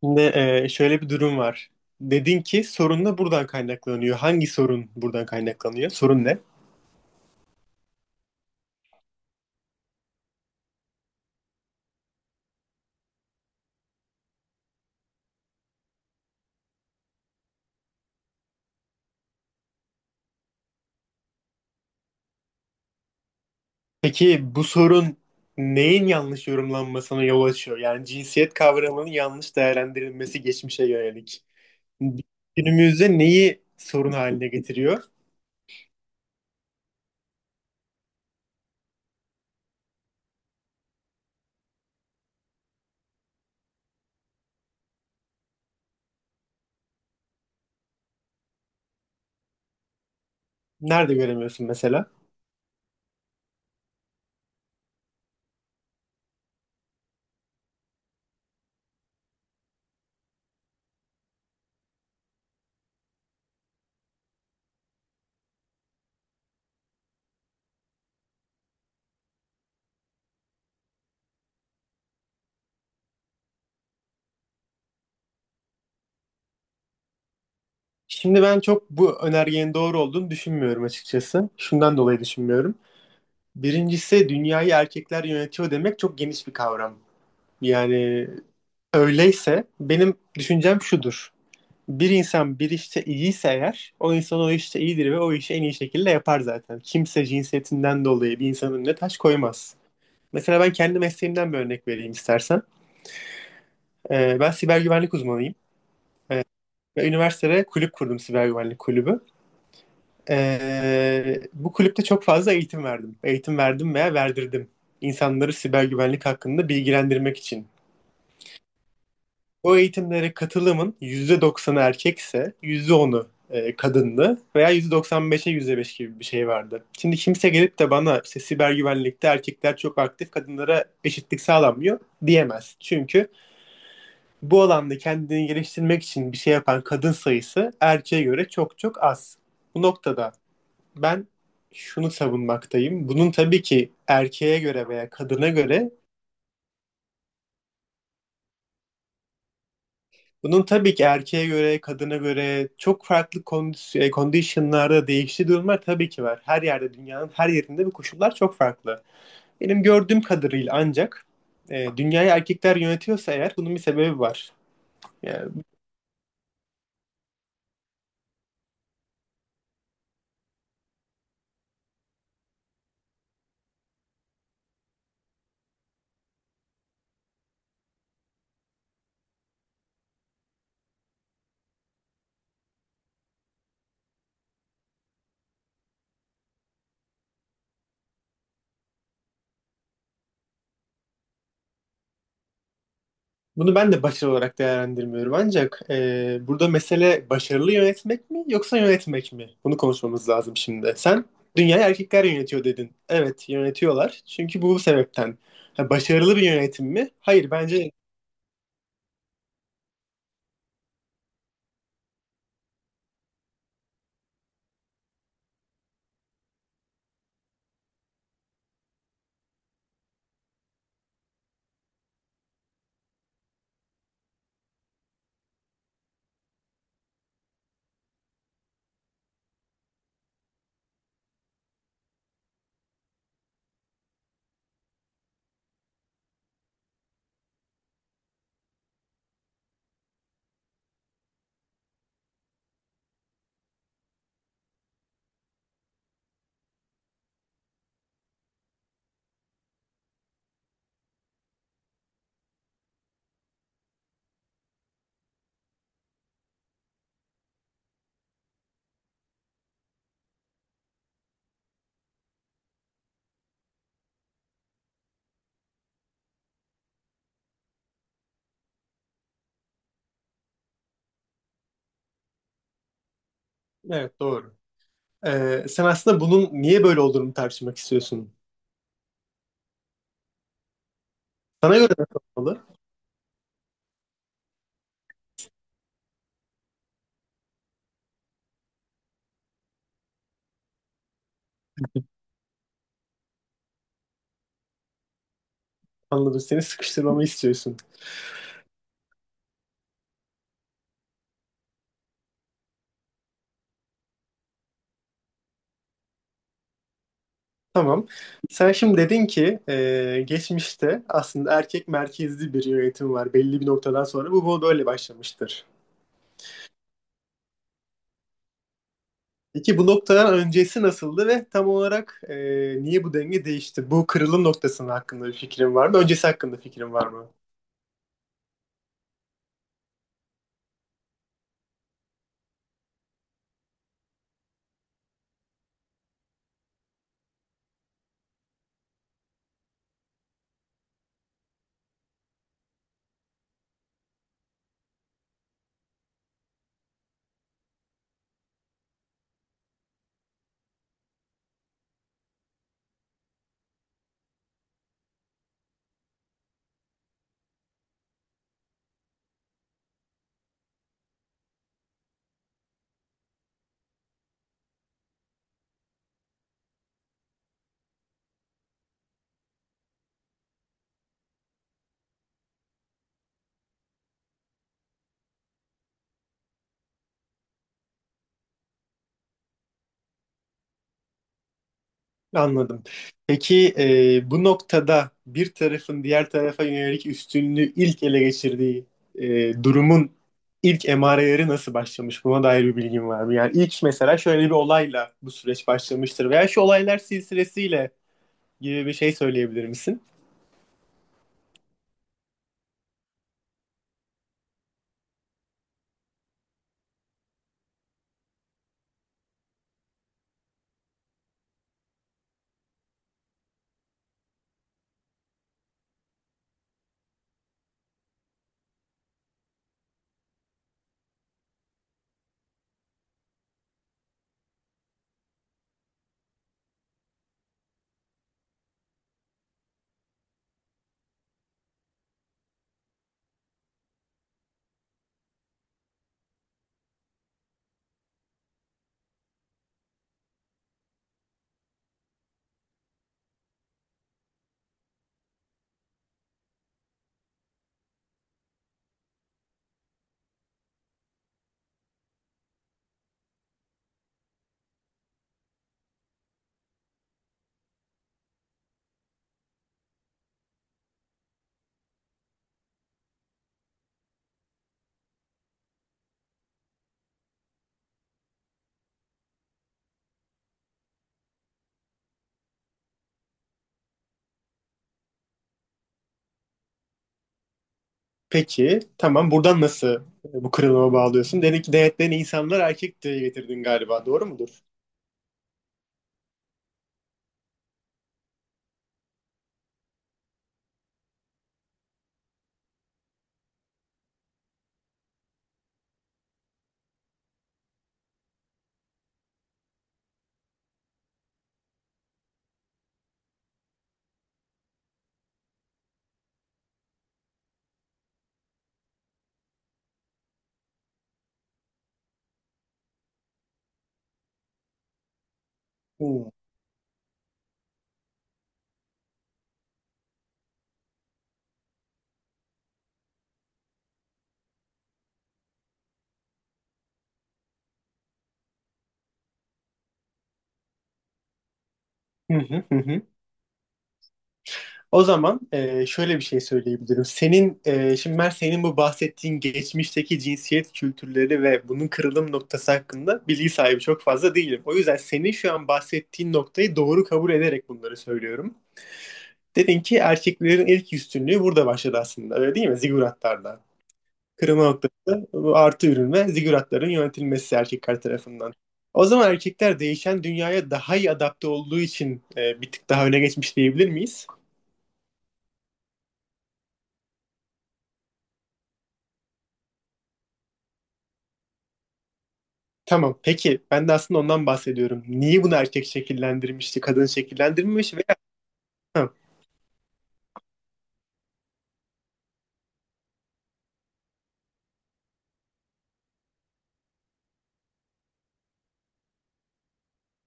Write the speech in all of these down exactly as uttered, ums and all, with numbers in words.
Şimdi e, şöyle bir durum var. Dedin ki sorun da buradan kaynaklanıyor. Hangi sorun buradan kaynaklanıyor? Sorun ne? Peki bu sorun neyin yanlış yorumlanmasına yol açıyor? Yani cinsiyet kavramının yanlış değerlendirilmesi geçmişe yönelik. Günümüzde neyi sorun haline getiriyor? Nerede göremiyorsun mesela? Şimdi ben çok bu önergenin doğru olduğunu düşünmüyorum açıkçası. Şundan dolayı düşünmüyorum. Birincisi dünyayı erkekler yönetiyor demek çok geniş bir kavram. Yani öyleyse benim düşüncem şudur. Bir insan bir işte iyiyse eğer o insan o işte iyidir ve o işi en iyi şekilde yapar zaten. Kimse cinsiyetinden dolayı bir insanın önüne taş koymaz. Mesela ben kendi mesleğimden bir örnek vereyim istersen. Ee, ben siber güvenlik uzmanıyım ve üniversitede kulüp kurdum siber güvenlik kulübü. Ee, bu kulüpte çok fazla eğitim verdim. Eğitim verdim veya verdirdim. İnsanları siber güvenlik hakkında bilgilendirmek için. Bu eğitimlere katılımın yüzde doksanı erkekse yüzde onu e, kadındı veya yüzde doksan beşe yüzde beş gibi bir şey vardı. Şimdi kimse gelip de bana işte siber güvenlikte erkekler çok aktif, kadınlara eşitlik sağlanmıyor diyemez. Çünkü bu alanda kendini geliştirmek için bir şey yapan kadın sayısı erkeğe göre çok çok az. Bu noktada ben şunu savunmaktayım. Bunun tabii ki erkeğe göre veya kadına göre. Bunun tabii ki erkeğe göre, kadına göre çok farklı kondis- e, conditionlarda değiştiği durumlar tabii ki var. Her yerde, dünyanın her yerinde bu koşullar çok farklı. Benim gördüğüm kadarıyla ancak e, dünyayı erkekler yönetiyorsa eğer bunun bir sebebi var. Yani bunu ben de başarı olarak değerlendirmiyorum. Ancak e, burada mesele başarılı yönetmek mi yoksa yönetmek mi? Bunu konuşmamız lazım şimdi. Sen dünyayı erkekler yönetiyor dedin. Evet, yönetiyorlar. Çünkü bu sebepten. Ha, başarılı bir yönetim mi? Hayır, bence. Evet, doğru. Ee, sen aslında bunun niye böyle olduğunu tartışmak istiyorsun. Sana göre nasıl olmalı? Anladım. Seni sıkıştırmamı istiyorsun. Tamam. Sen şimdi dedin ki e, geçmişte aslında erkek merkezli bir yönetim var. Belli bir noktadan sonra bu, bu böyle başlamıştır. Peki bu noktadan öncesi nasıldı ve tam olarak e, niye bu denge değişti? Bu kırılım noktasının hakkında bir fikrin var mı? Öncesi hakkında fikrin var mı? Anladım. Peki e, bu noktada bir tarafın diğer tarafa yönelik üstünlüğü ilk ele geçirdiği e, durumun ilk emareleri nasıl başlamış? Buna dair bir bilgin var mı? Yani ilk mesela şöyle bir olayla bu süreç başlamıştır veya şu olaylar silsilesiyle gibi bir şey söyleyebilir misin? Peki tamam buradan nasıl e, bu kırılıma bağlıyorsun? Dedin ki denetleyen insanlar erkek diye getirdin galiba, doğru mudur? Hı. Hı hı hı, hı. O zaman e, şöyle bir şey söyleyebilirim. Senin e, şimdi ben senin bu bahsettiğin geçmişteki cinsiyet kültürleri ve bunun kırılım noktası hakkında bilgi sahibi çok fazla değilim. O yüzden senin şu an bahsettiğin noktayı doğru kabul ederek bunları söylüyorum. Dedin ki erkeklerin ilk üstünlüğü burada başladı aslında. Öyle değil mi? Ziguratlarda. Kırılma noktası bu artı ürün ve ziguratların yönetilmesi erkekler tarafından. O zaman erkekler değişen dünyaya daha iyi adapte olduğu için e, bir tık daha öne geçmiş diyebilir miyiz? Tamam. Peki ben de aslında ondan bahsediyorum. Niye bunu erkek şekillendirmişti, kadın şekillendirmemiş veya? Ha,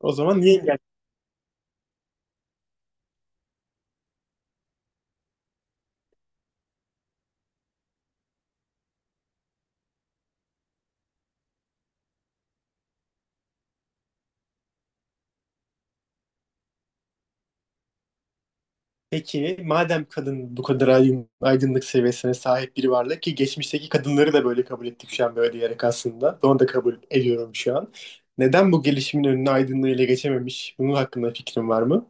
o zaman niye engel? Peki madem kadın bu kadar aydın- aydınlık seviyesine sahip biri varlık ki geçmişteki kadınları da böyle kabul ettik şu an böyle diyerek aslında. Onu da kabul ediyorum şu an. Neden bu gelişimin önüne aydınlığıyla geçememiş? Bunun hakkında fikrin var mı?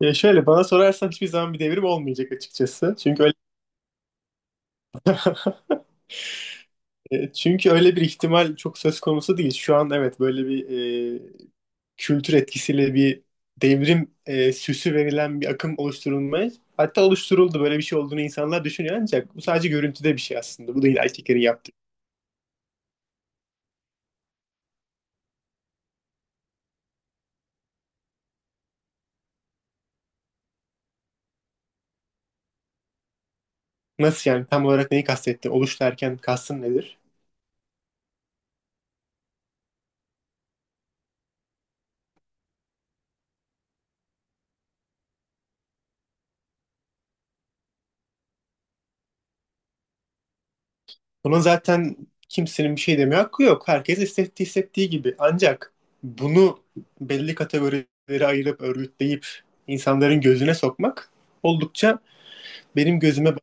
Ya şöyle bana sorarsan hiçbir zaman bir devrim olmayacak açıkçası. Çünkü öyle e, çünkü öyle bir ihtimal çok söz konusu değil. Şu an evet böyle bir e, kültür etkisiyle bir devrim e, süsü verilen bir akım oluşturulmaya, hatta oluşturuldu, böyle bir şey olduğunu insanlar düşünüyor, ancak bu sadece görüntüde bir şey aslında. Bu değil erkeklerin yaptığı. Nasıl yani, tam olarak neyi kastettin? Oluş derken kastın nedir? Buna zaten kimsenin bir şey demeye hakkı yok. Herkes hissettiği hissettiği gibi. Ancak bunu belli kategorilere ayırıp örgütleyip insanların gözüne sokmak oldukça benim gözüme.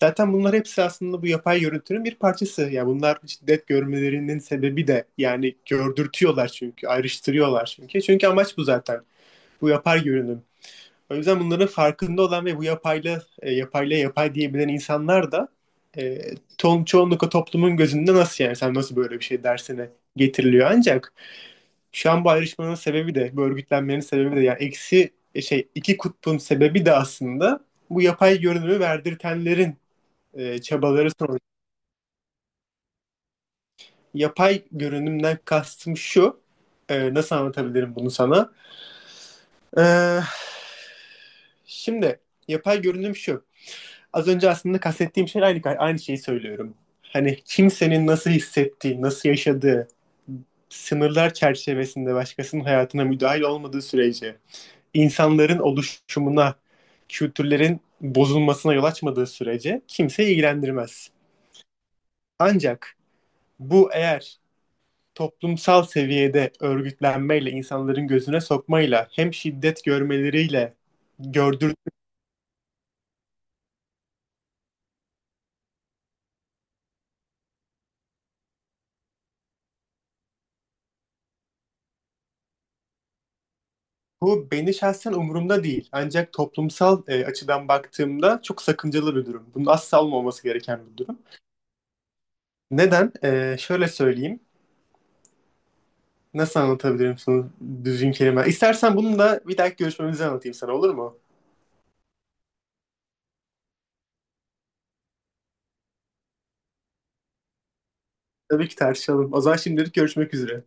Zaten bunlar hepsi aslında bu yapay görüntünün bir parçası. Yani bunlar şiddet görmelerinin sebebi de, yani gördürtüyorlar çünkü, ayrıştırıyorlar çünkü. Çünkü amaç bu zaten. Bu yapay görünüm. O yüzden bunların farkında olan ve bu yapayla e, yapayla yapay diyebilen insanlar da e, to- çoğunlukla toplumun gözünde nasıl yani sen nasıl böyle bir şey dersine getiriliyor. Ancak şu an bu ayrışmanın sebebi de, bu örgütlenmenin sebebi de, yani eksi e, şey iki kutbun sebebi de, aslında bu yapay görünümü verdirtenlerin e, çabaları sonucu. Yapay görünümden kastım şu. Ee, nasıl anlatabilirim bunu sana? Ee, şimdi yapay görünüm şu. Az önce aslında kastettiğim şey, aynı, aynı şeyi söylüyorum. Hani kimsenin nasıl hissettiği, nasıl yaşadığı, sınırlar çerçevesinde başkasının hayatına müdahil olmadığı sürece, insanların oluşumuna, kültürlerin bozulmasına yol açmadığı sürece kimse ilgilendirmez. Ancak bu eğer toplumsal seviyede örgütlenmeyle, insanların gözüne sokmayla, hem şiddet görmeleriyle gördür bu beni şahsen umurumda değil. Ancak toplumsal e, açıdan baktığımda çok sakıncalı bir durum. Bunun asla olmaması gereken bir durum. Neden? E, şöyle söyleyeyim. Nasıl anlatabilirim sana düzgün kelime? İstersen bunu da bir dahaki görüşmemizi anlatayım sana, olur mu? Tabii ki tartışalım. O zaman şimdilik görüşmek üzere.